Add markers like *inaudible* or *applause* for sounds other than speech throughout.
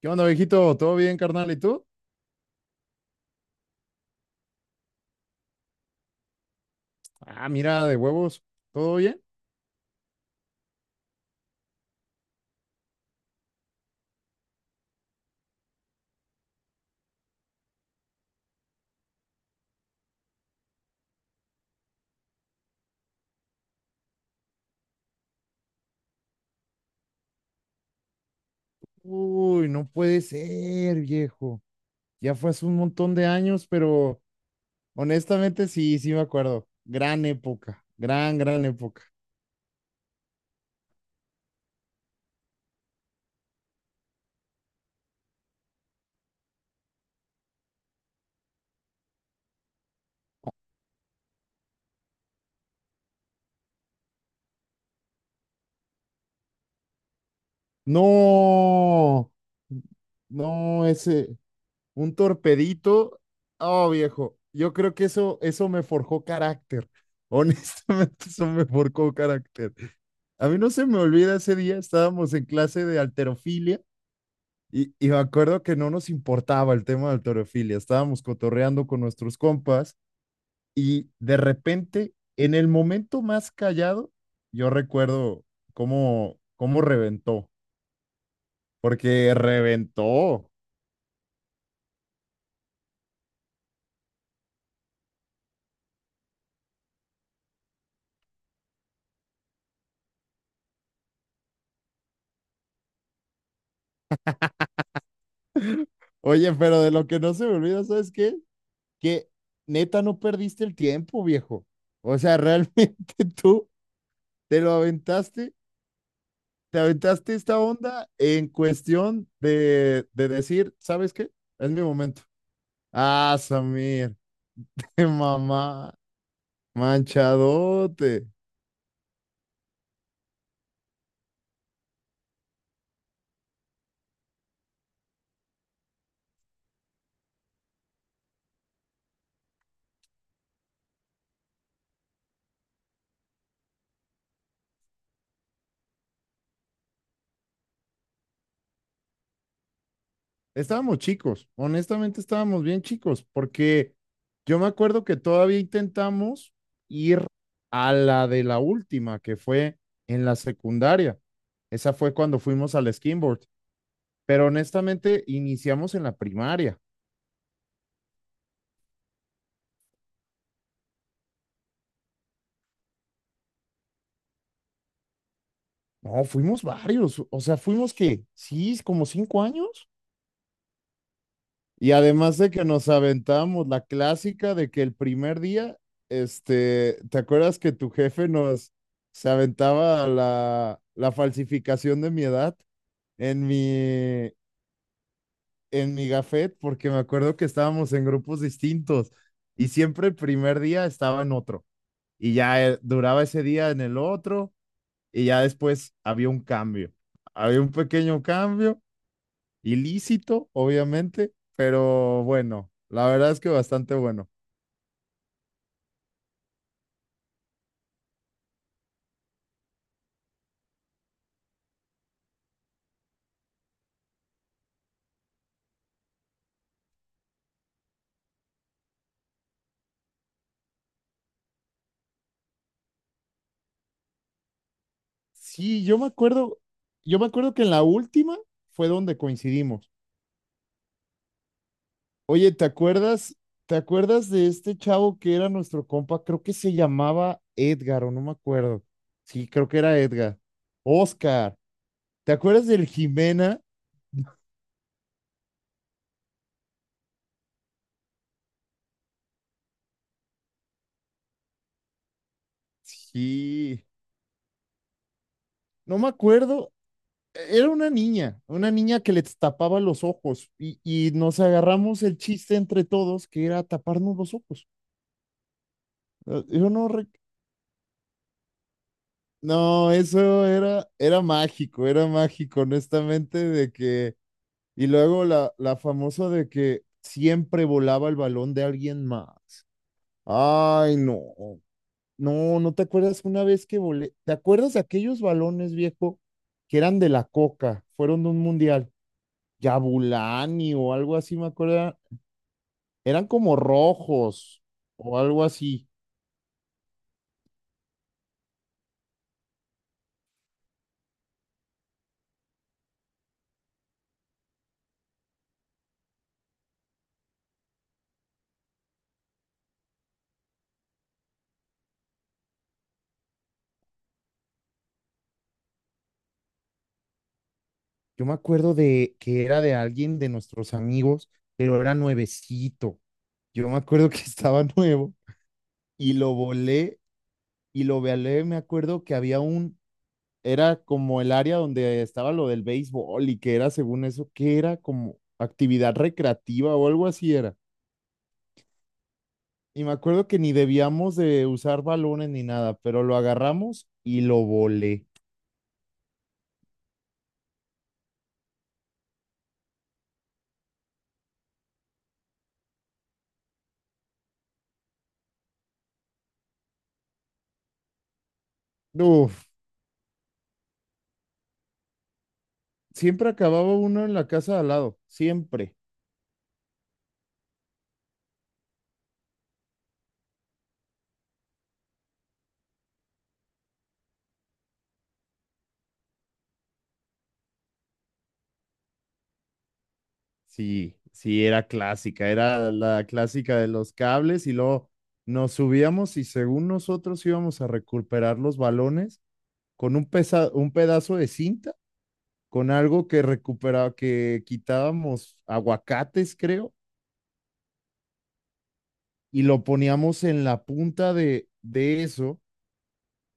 ¿Qué onda, viejito? ¿Todo bien, carnal? ¿Y tú? Ah, mira, de huevos. ¿Todo bien? Uy, no puede ser, viejo. Ya fue hace un montón de años, pero honestamente sí me acuerdo. Gran época, gran época. No, no, ese, un torpedito. Oh, viejo, yo creo que eso me forjó carácter. Honestamente, *laughs* eso me forjó carácter. A mí no se me olvida ese día, estábamos en clase de alterofilia. Y me acuerdo que no nos importaba el tema del torofilia, estábamos cotorreando con nuestros compas y de repente, en el momento más callado, yo recuerdo cómo reventó, porque reventó. Oye, pero de lo que no se me olvida, ¿sabes qué? Que neta no perdiste el tiempo, viejo. O sea, realmente *laughs* tú te lo aventaste, te aventaste esta onda en cuestión de decir, ¿sabes qué? Es mi momento. Ah, Samir, *laughs* qué mamá, manchadote. Estábamos chicos, honestamente estábamos bien chicos, porque yo me acuerdo que todavía intentamos ir a la de la última, que fue en la secundaria. Esa fue cuando fuimos al skimboard, pero honestamente iniciamos en la primaria. No, fuimos varios, o sea, fuimos que, sí, como 5 años. Y además de que nos aventamos la clásica de que el primer día, este, ¿te acuerdas que tu jefe nos se aventaba la, la falsificación de mi edad en mi, en mi gafet? Porque me acuerdo que estábamos en grupos distintos y siempre el primer día estaba en otro y ya duraba ese día en el otro y ya después había un cambio. Había un pequeño cambio ilícito, obviamente, pero bueno, la verdad es que bastante bueno. Sí, yo me acuerdo que en la última fue donde coincidimos. Oye, ¿te acuerdas de este chavo que era nuestro compa? Creo que se llamaba Edgar o no me acuerdo. Sí, creo que era Edgar. Oscar, ¿te acuerdas del Jimena? Sí, no me acuerdo. Era una niña que les tapaba los ojos y nos agarramos el chiste entre todos que era taparnos los ojos. Yo no, rec- No, eso era, era mágico, honestamente, de que, y luego la, la famosa de que siempre volaba el balón de alguien más. Ay, no, no, no te acuerdas una vez que volé, ¿te acuerdas de aquellos balones viejo que eran de la Coca, fueron de un mundial? Yabulani o algo así, me acuerdo. Eran como rojos o algo así. Yo me acuerdo de que era de alguien de nuestros amigos, pero era nuevecito. Yo me acuerdo que *laughs* estaba nuevo y lo volé y lo volé. Me acuerdo que había un, era como el área donde estaba lo del béisbol y que era según eso, que era como actividad recreativa o algo así era. Y me acuerdo que ni debíamos de usar balones ni nada, pero lo agarramos y lo volé. No, siempre acababa uno en la casa de al lado, siempre. Sí, era clásica, era la clásica de los cables y luego nos subíamos y según nosotros íbamos a recuperar los balones con un, pesa- un pedazo de cinta, con algo que recuperaba, que quitábamos aguacates, creo, y lo poníamos en la punta de eso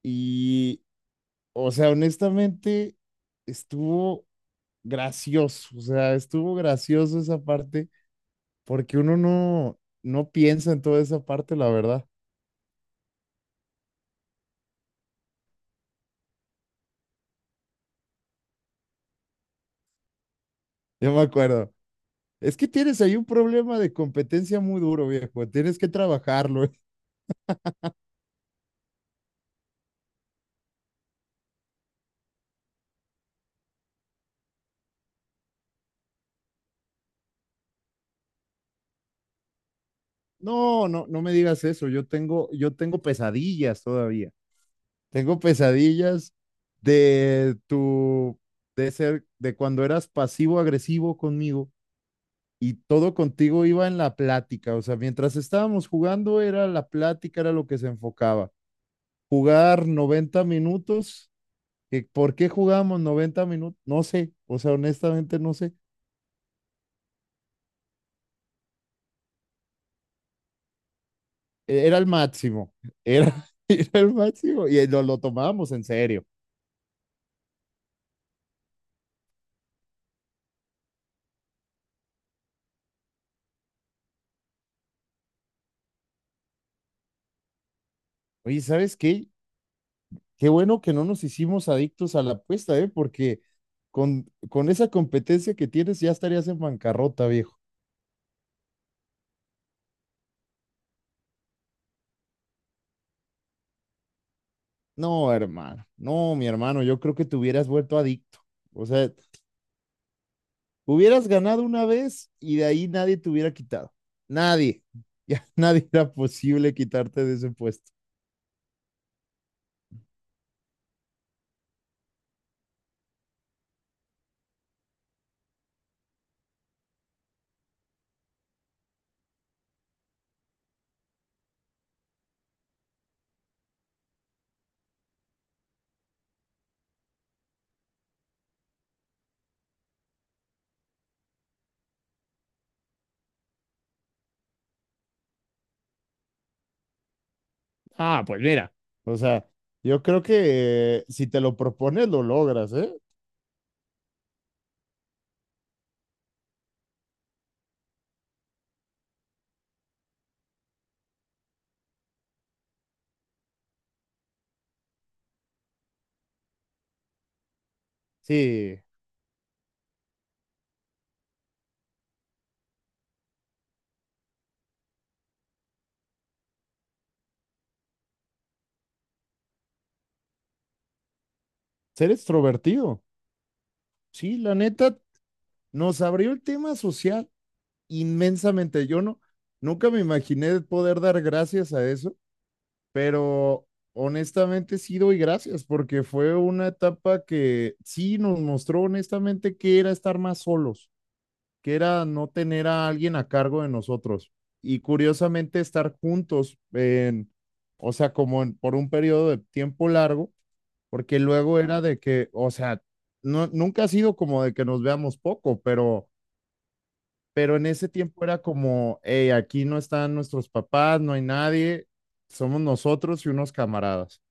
y, o sea, honestamente, estuvo gracioso, o sea, estuvo gracioso esa parte porque uno no, no piensa en toda esa parte, la verdad. Yo me acuerdo. Es que tienes ahí un problema de competencia muy duro, viejo. Tienes que trabajarlo. *laughs* No, no, no me digas eso. Yo tengo pesadillas todavía. Tengo pesadillas de tu, de ser, de cuando eras pasivo-agresivo conmigo y todo contigo iba en la plática. O sea, mientras estábamos jugando era la plática, era lo que se enfocaba. Jugar 90 minutos, que ¿por qué jugamos 90 minutos? No sé, o sea, honestamente no sé. Era el máximo, era, *laughs* era el máximo y lo tomábamos en serio. Oye, ¿sabes qué? Qué bueno que no nos hicimos adictos a la apuesta, ¿eh? Porque con esa competencia que tienes ya estarías en bancarrota, viejo. No, hermano, no, mi hermano, yo creo que te hubieras vuelto adicto. O sea, hubieras ganado una vez y de ahí nadie te hubiera quitado. Nadie, *laughs* ya nadie era posible quitarte de ese puesto. Ah, pues mira. O sea, yo creo que si te lo propones, lo logras, ¿eh? Sí, ser extrovertido. Sí, la neta, nos abrió el tema social inmensamente. Yo no, nunca me imaginé poder dar gracias a eso, pero honestamente sí doy gracias porque fue una etapa que sí nos mostró honestamente que era estar más solos, que era no tener a alguien a cargo de nosotros y curiosamente estar juntos en, o sea, como en- por un periodo de tiempo largo, porque luego era de que, o sea, no, nunca ha sido como de que nos veamos poco, pero en ese tiempo era como, hey, aquí no están nuestros papás, no hay nadie, somos nosotros y unos camaradas.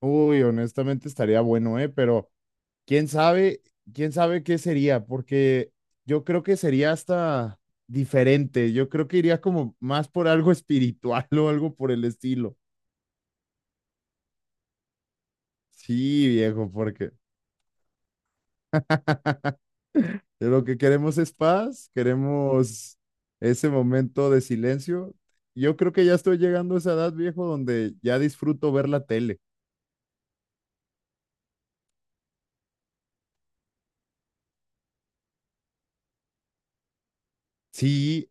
Uy, honestamente estaría bueno, ¿eh? Pero quién sabe, quién sabe qué sería, porque yo creo que sería hasta diferente. Yo creo que iría como más por algo espiritual *laughs* o algo por el estilo. Sí, viejo, porque lo que queremos es paz, queremos ese momento de silencio. Yo creo que ya estoy llegando a esa edad, viejo, donde ya disfruto ver la tele. Sí,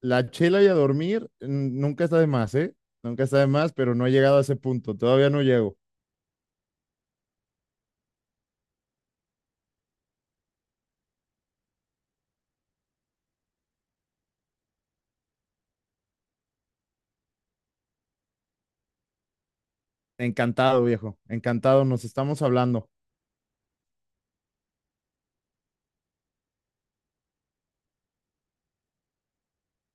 la chela y a dormir. Mm, nunca está de más, ¿eh? Nunca está de más, pero no he llegado a ese punto, todavía no llego. Encantado, viejo. Encantado. Nos estamos hablando.